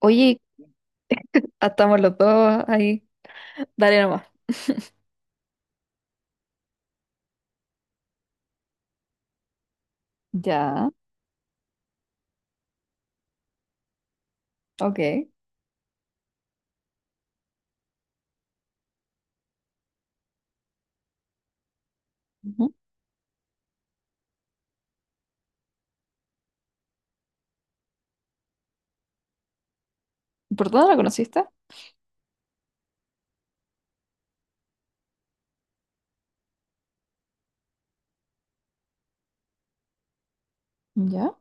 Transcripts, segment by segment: Oye, estamos los dos ahí. Dale nomás. Ya, ok. Ujú. ¿Por dónde la conociste? ¿Ya?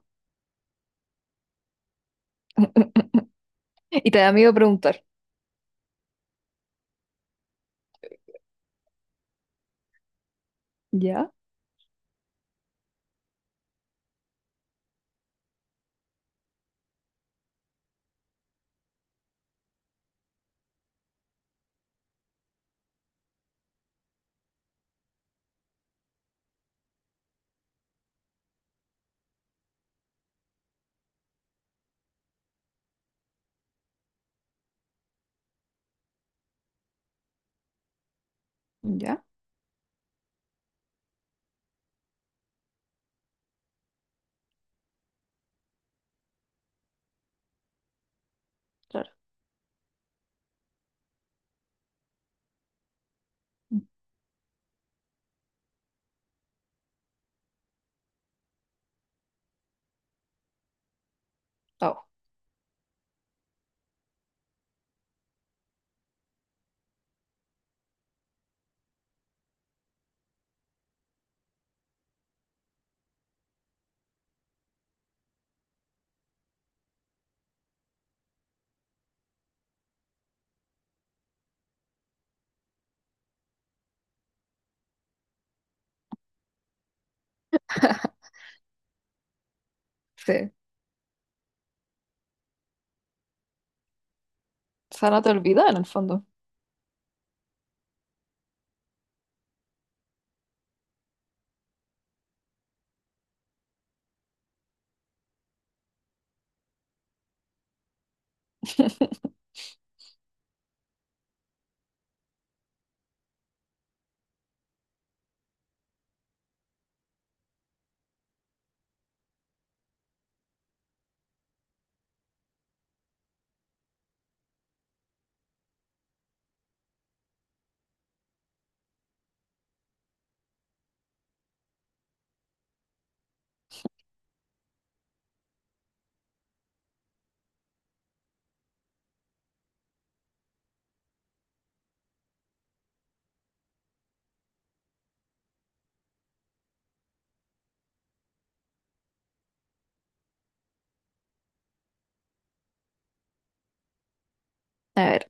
Y te da miedo preguntar. ¿Ya? ¿Ya? Claro. Oh, sí. O sea, no te olvidas en el fondo. A ver,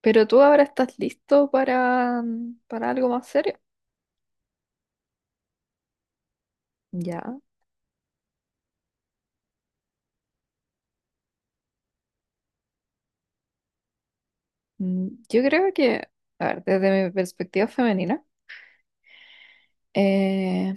pero tú ahora estás listo para, para algo más serio. ¿Ya? Mm, yo creo que, a ver, desde mi perspectiva femenina, eh,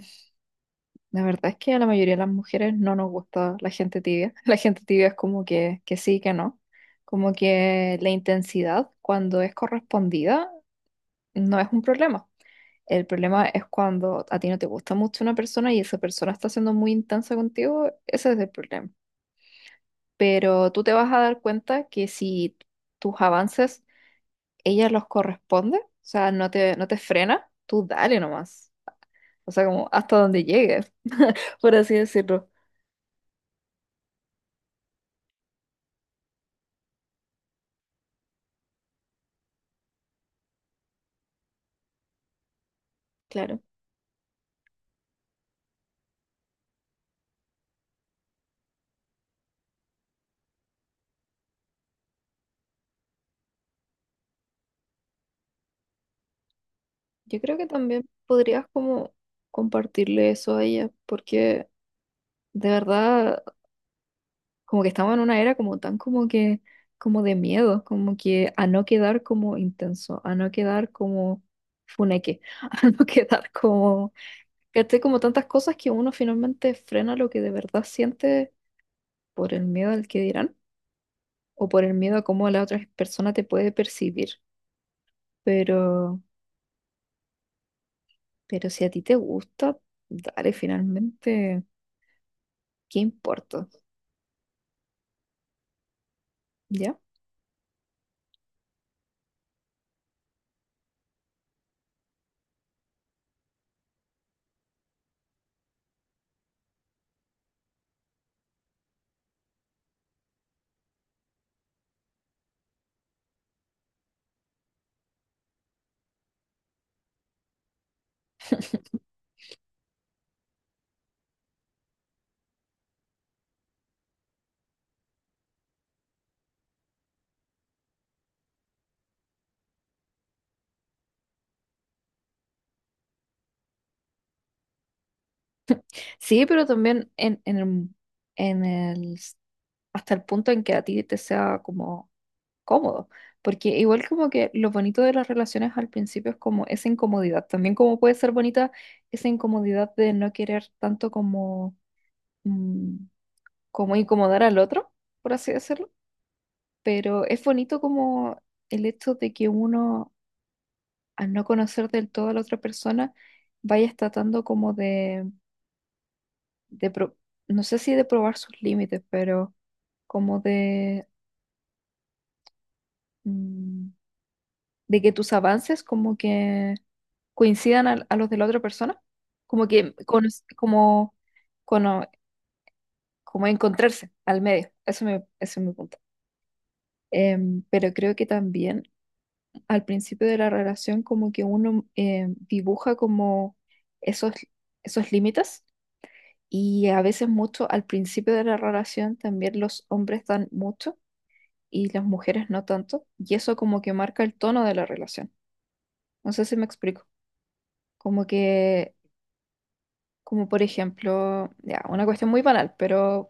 la verdad es que a la mayoría de las mujeres no nos gusta la gente tibia. La gente tibia es como que sí, que no. Como que la intensidad, cuando es correspondida, no es un problema. El problema es cuando a ti no te gusta mucho una persona y esa persona está siendo muy intensa contigo, ese es el problema. Pero tú te vas a dar cuenta que si tus avances, ella los corresponde, o sea, no te frena, tú dale nomás. O sea, como hasta donde llegues, por así decirlo. Claro. Yo creo que también podrías como compartirle eso a ella, porque de verdad como que estamos en una era como tan como que, como de miedo, como que a no quedar como intenso, a no quedar como funeque, a no quedar como, ¿cachai? Como tantas cosas que uno finalmente frena lo que de verdad siente por el miedo al que dirán o por el miedo a cómo la otra persona te puede percibir. Pero, pero si a ti te gusta, dale finalmente, ¿qué importa? ¿Ya? Sí, pero también en el- hasta el punto en que a ti te sea como cómodo. Porque igual como que lo bonito de las relaciones al principio es como esa incomodidad. También como puede ser bonita esa incomodidad de no querer tanto como, mm, como incomodar al otro, por así decirlo. Pero es bonito como el hecho de que uno, al no conocer del todo a la otra persona, vaya tratando como de pro- no sé si de probar sus límites, pero como de, mm, de que tus avances como que coincidan a los de la otra persona, como que como, cono- como encontrarse al medio, eso me, eso es mi punto. Em, pero creo que también al principio de la relación como que uno dibuja como esos, esos límites y a veces mucho al principio de la relación también los hombres dan mucho y las mujeres no tanto, y eso como que marca el tono de la relación. No sé si me explico. Como que, como por ejemplo, ya, una cuestión muy banal, pero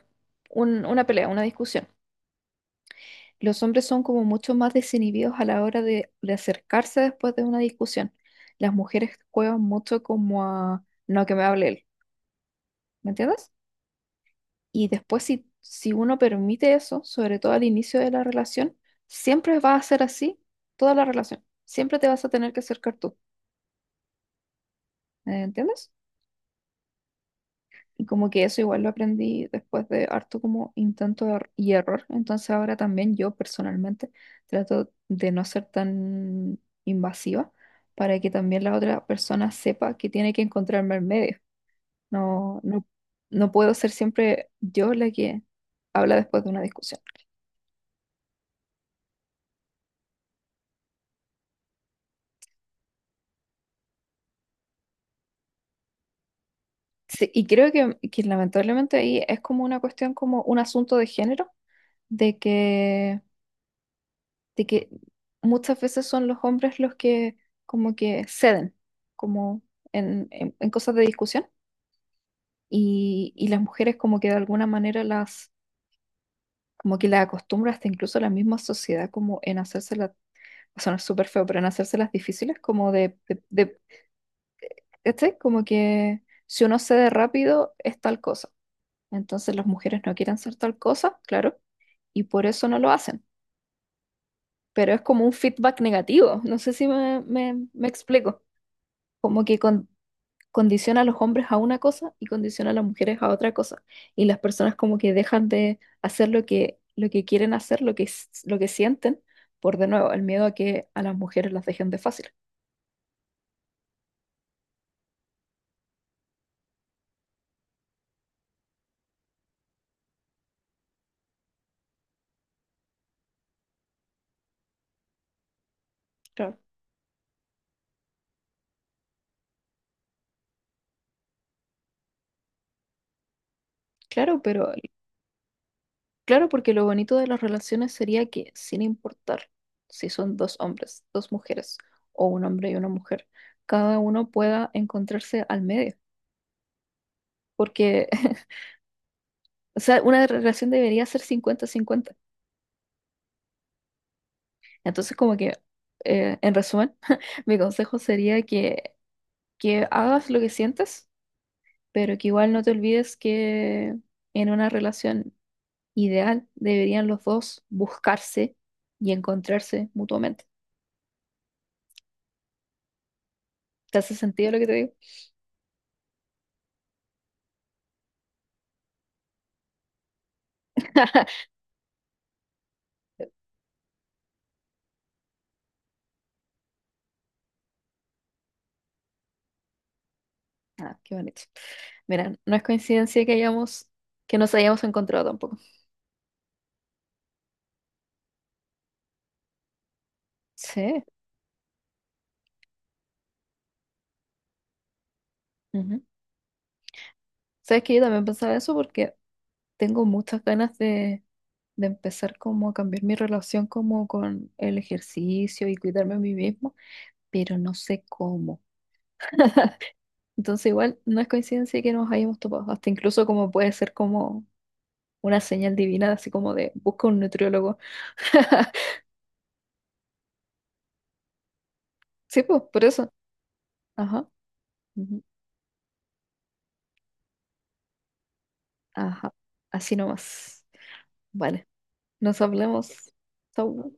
una pelea, una discusión. Los hombres son como mucho más desinhibidos a la hora de acercarse después de una discusión. Las mujeres juegan mucho como a, no, que me hable él, ¿me entiendes? Y después si uno permite eso, sobre todo al inicio de la relación, siempre va a ser así toda la relación. Siempre te vas a tener que acercar tú. ¿Eh? ¿Entiendes? Y como que eso igual lo aprendí después de harto como intento y error. Entonces ahora también yo personalmente trato de no ser tan invasiva para que también la otra persona sepa que tiene que encontrarme en medio. No, no, no puedo ser siempre yo la que habla después de una discusión. Sí, y creo que lamentablemente ahí es como una cuestión, como un asunto de género, de que de que muchas veces son los hombres los que como que ceden, como en cosas de discusión, y las mujeres como que de alguna manera como que las acostumbra hasta incluso la misma sociedad como en hacérselas, va a sonar súper feo, pero en hacérselas difíciles, como ¿cachai? Como que si uno cede rápido es tal cosa. Entonces las mujeres no quieren ser tal cosa, claro, y por eso no lo hacen. Pero es como un feedback negativo. No sé si me, me explico. Como que condiciona a los hombres a una cosa y condiciona a las mujeres a otra cosa. Y las personas como que dejan de hacer lo que quieren hacer, lo que, lo que sienten, por de nuevo, el miedo a que a las mujeres las dejen de fácil. Claro, claro, pero claro, porque lo bonito de las relaciones sería que sin importar si son dos hombres, dos mujeres, o un hombre y una mujer, cada uno pueda encontrarse al medio. Porque, o sea, una relación debería ser 50-50. Entonces, como que, en resumen, mi consejo sería que hagas lo que sientes, pero que igual no te olvides que en una relación ideal deberían los dos buscarse y encontrarse mutuamente. ¿Te hace sentido lo que te digo? Ah, qué bonito. Mira, no es coincidencia que que nos hayamos encontrado tampoco. Sí. Ujú. Sabes que yo también pensaba eso porque tengo muchas ganas de empezar como a cambiar mi relación como con el ejercicio y cuidarme a mí mismo, pero no sé cómo. Entonces igual no es coincidencia que nos hayamos topado, hasta incluso como puede ser como una señal divina, así como de busca un nutriólogo. Sí, pues, por eso. Ajá, ujú, ajá, así nomás. Vale, nos hablemos. Chau.